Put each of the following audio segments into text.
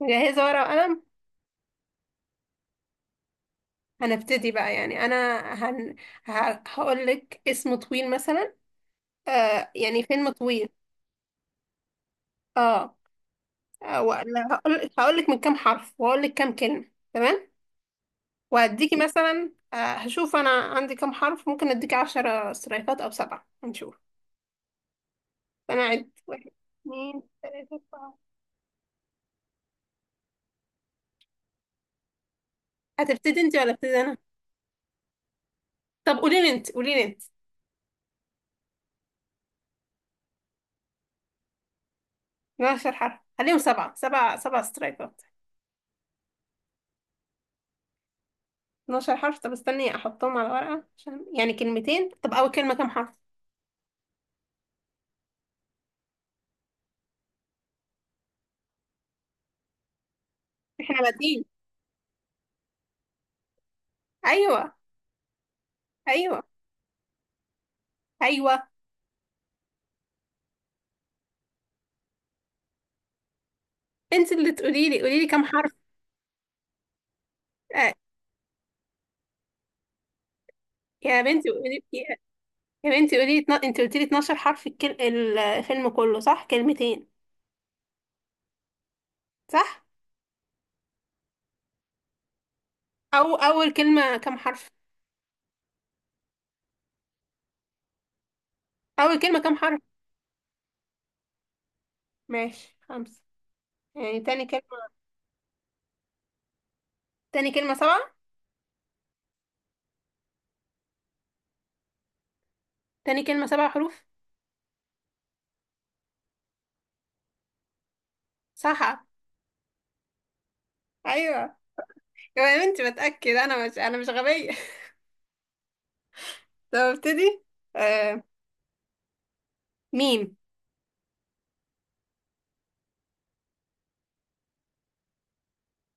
مجهزة ورقة وقلم. هنبتدي بقى يعني أنا هن... ه... هقول لك اسم طويل مثلا، يعني فيلم طويل. اه. ولا هقول لك من كام حرف وهقول لك كام كلمة، تمام. وهديكي مثلا، هشوف أنا عندي كام حرف، ممكن أديكي عشرة سترايكات أو سبعة هنشوف. أنا أعد: واحد اتنين تلاتة أربعة. هتبتدي أنت ولا أبتدي أنا؟ طب قولي لي أنت، قولي لي أنت. من عشر حرف خليهم سبعة، سبعة سبعة سترايكات. 12 حرف؟ طب استني احطهم على ورقة عشان يعني كلمتين. طب اول كلمة كام حرف؟ احنا بادئين. ايوه. ايوه. ايوه. انت اللي تقولي لي، قولي لي كام حرف. آه. يا بنتي قولي، يا يا بنتي قولي لي انت قلتي لي 12 حرف، الفيلم كله صح، كلمتين، صح؟ او اول كلمة كام حرف؟ اول كلمة كام حرف؟ ماشي خمسة، يعني تاني كلمة. تاني كلمة سبعة؟ تاني كلمة سبع حروف، صح. ايوه. يا بنتي بتأكد، انا مش غبية. طب ابتدي. آه. ميم.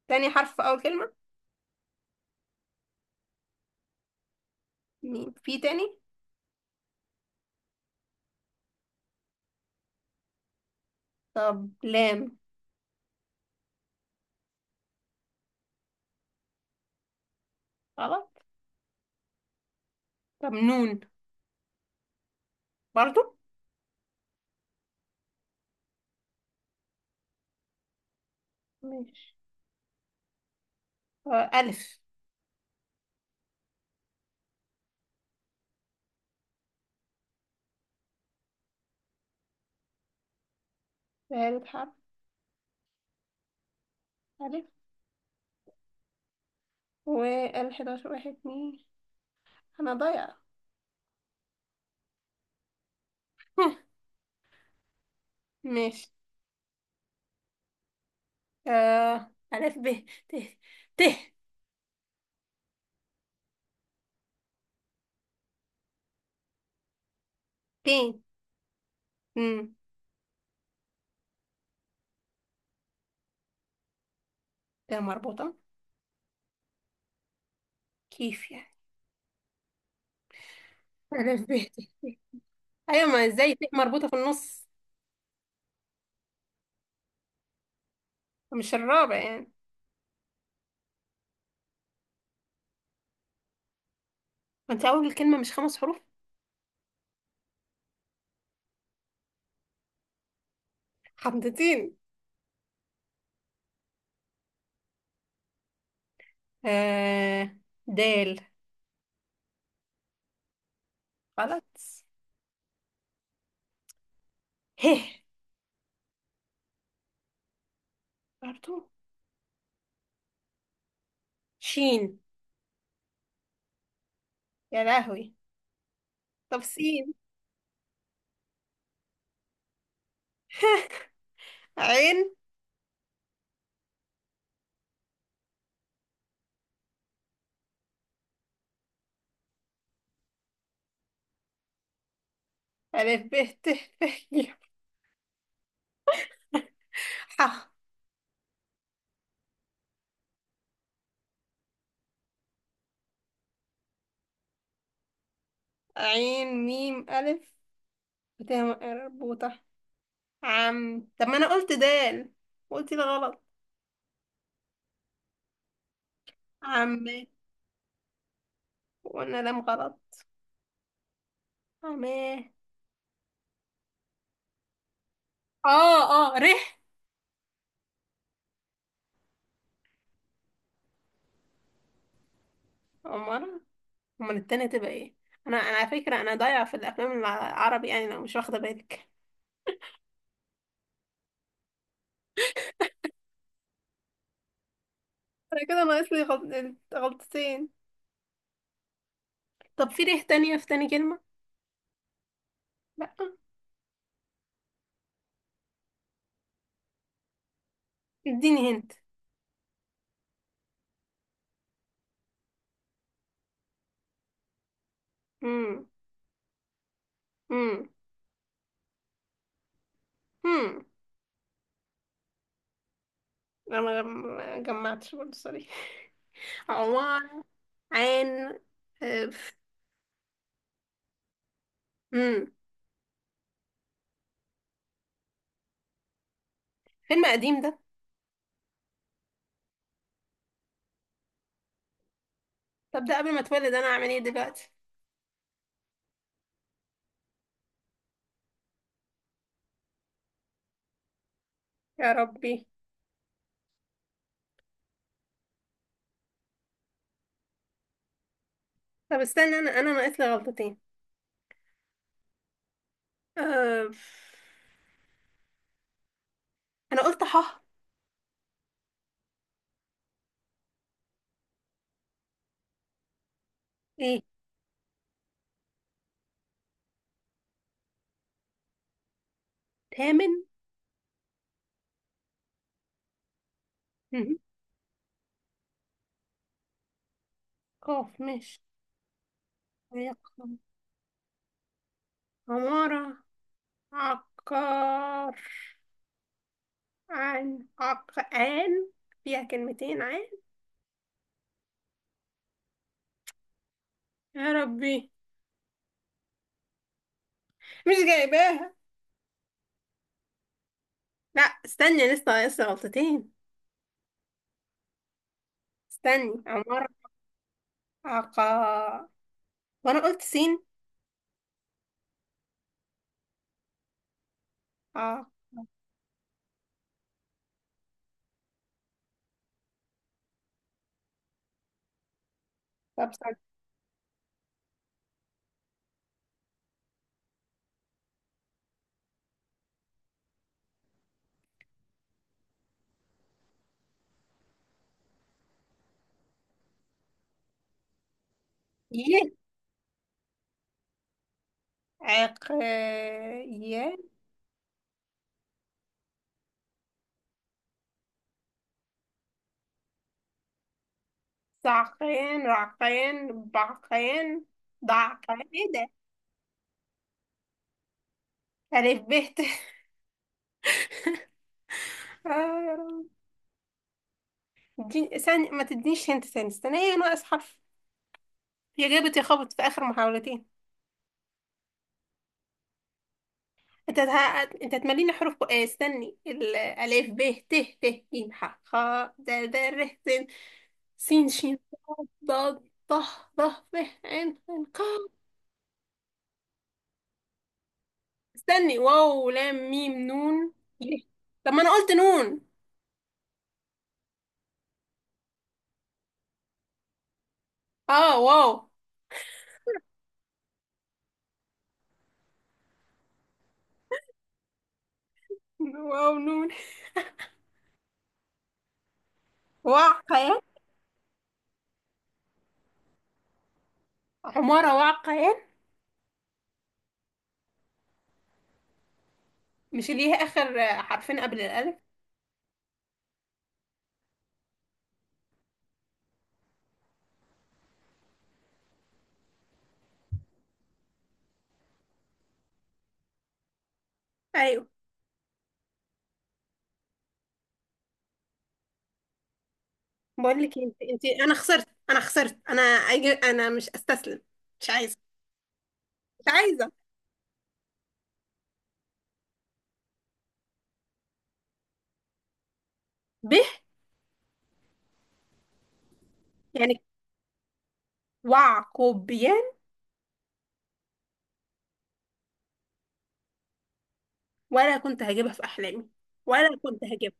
تاني حرف في أول كلمة. ميم في تاني. طب لام. غلط. طب نون. برضو. ماشي. ألف. ثالث حرف. ألف. والحداشر واحد اتنين. أنا ضايعة. ماشي. آه ألف ب ت. ت. ت مم. ت مربوطة؟ كيف يعني؟ ألف ب ت ت. أيوة، ما إزاي ت مربوطة في النص؟ مش الرابع يعني؟ ما أنت أول الكلمة مش خمس حروف؟ حمضتين. آه. دال. غلط. ه. برضو. شين. يا لهوي. طب سين. عين. ألف ب ت ف ي ح. عين ميم ألف ت مربوطة. عم، طب ما أنا قلت دال، قلت ده غلط. عمات. وقلنا لام غلط. عماه. اه. اه ريح. أمال؟ أمال التانية تبقى ايه؟ أنا على فكرة أنا ضايعة في الأفلام العربي، يعني لو مش واخدة بالك. أنا كده ناقص لي غلطتين. طب في ريح تانية في تاني كلمة؟ لأ. اديني. هنت. امم امم انا ما جمعتش برضه، سوري. عبارة عن. امم فيلم قديم ده؟ طب ده قبل ما اتولد انا، اعمل ايه دلوقتي؟ يا ربي. طب استنى، انا ناقص لي غلطتين. أه... انا قلت ح. ايه؟ تامن؟ مهم. قاف مش عقاب. عمارة عقار. عن عقان. فيها كلمتين عن. يا ربي مش جايباها. لا استني لسه ناقص لي غلطتين. استني عمر. عقا. وانا قلت سين. اه. طب استني. يه. عق يه. صعقين رعقين بعقين ضعقين، ايه ده؟ ألف ب ت. آه يا رب. استني ما تدينيش هنت تاني. استني ايه ناقص حرف؟ يا جابت يا خبط في آخر محاولتين. انت ه... انت هتمليني حروف استني الألف ب ت ت ج ح خ د د ر س سين شين ضاد ضه ضه ف عين عين قاف. استني واو لام ميم نون يه. طب ما انا قلت نون. اه واو. واو نون. وعقيان. عمارة وعقيان. مش اللي هي اخر حرفين قبل الالف؟ ايوه. بقول لك انت انت، انا خسرت، انا مش استسلم. مش عايزه. مش عايزه. به. يعني. وعقوبيان. ولا كنت هجيبها في احلامي. ولا كنت هجيبها.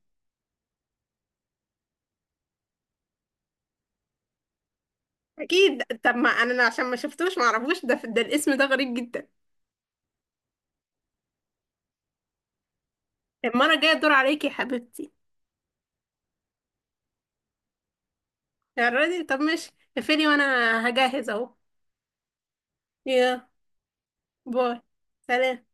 اكيد، طب ما انا عشان ما شفتوش ما اعرفوش، ده الاسم ده غريب جدا. المره الجايه الدور عليكي يا حبيبتي. يا راجل طب ماشي. اقفلي وانا هجهز اهو. يا. باي. سلام.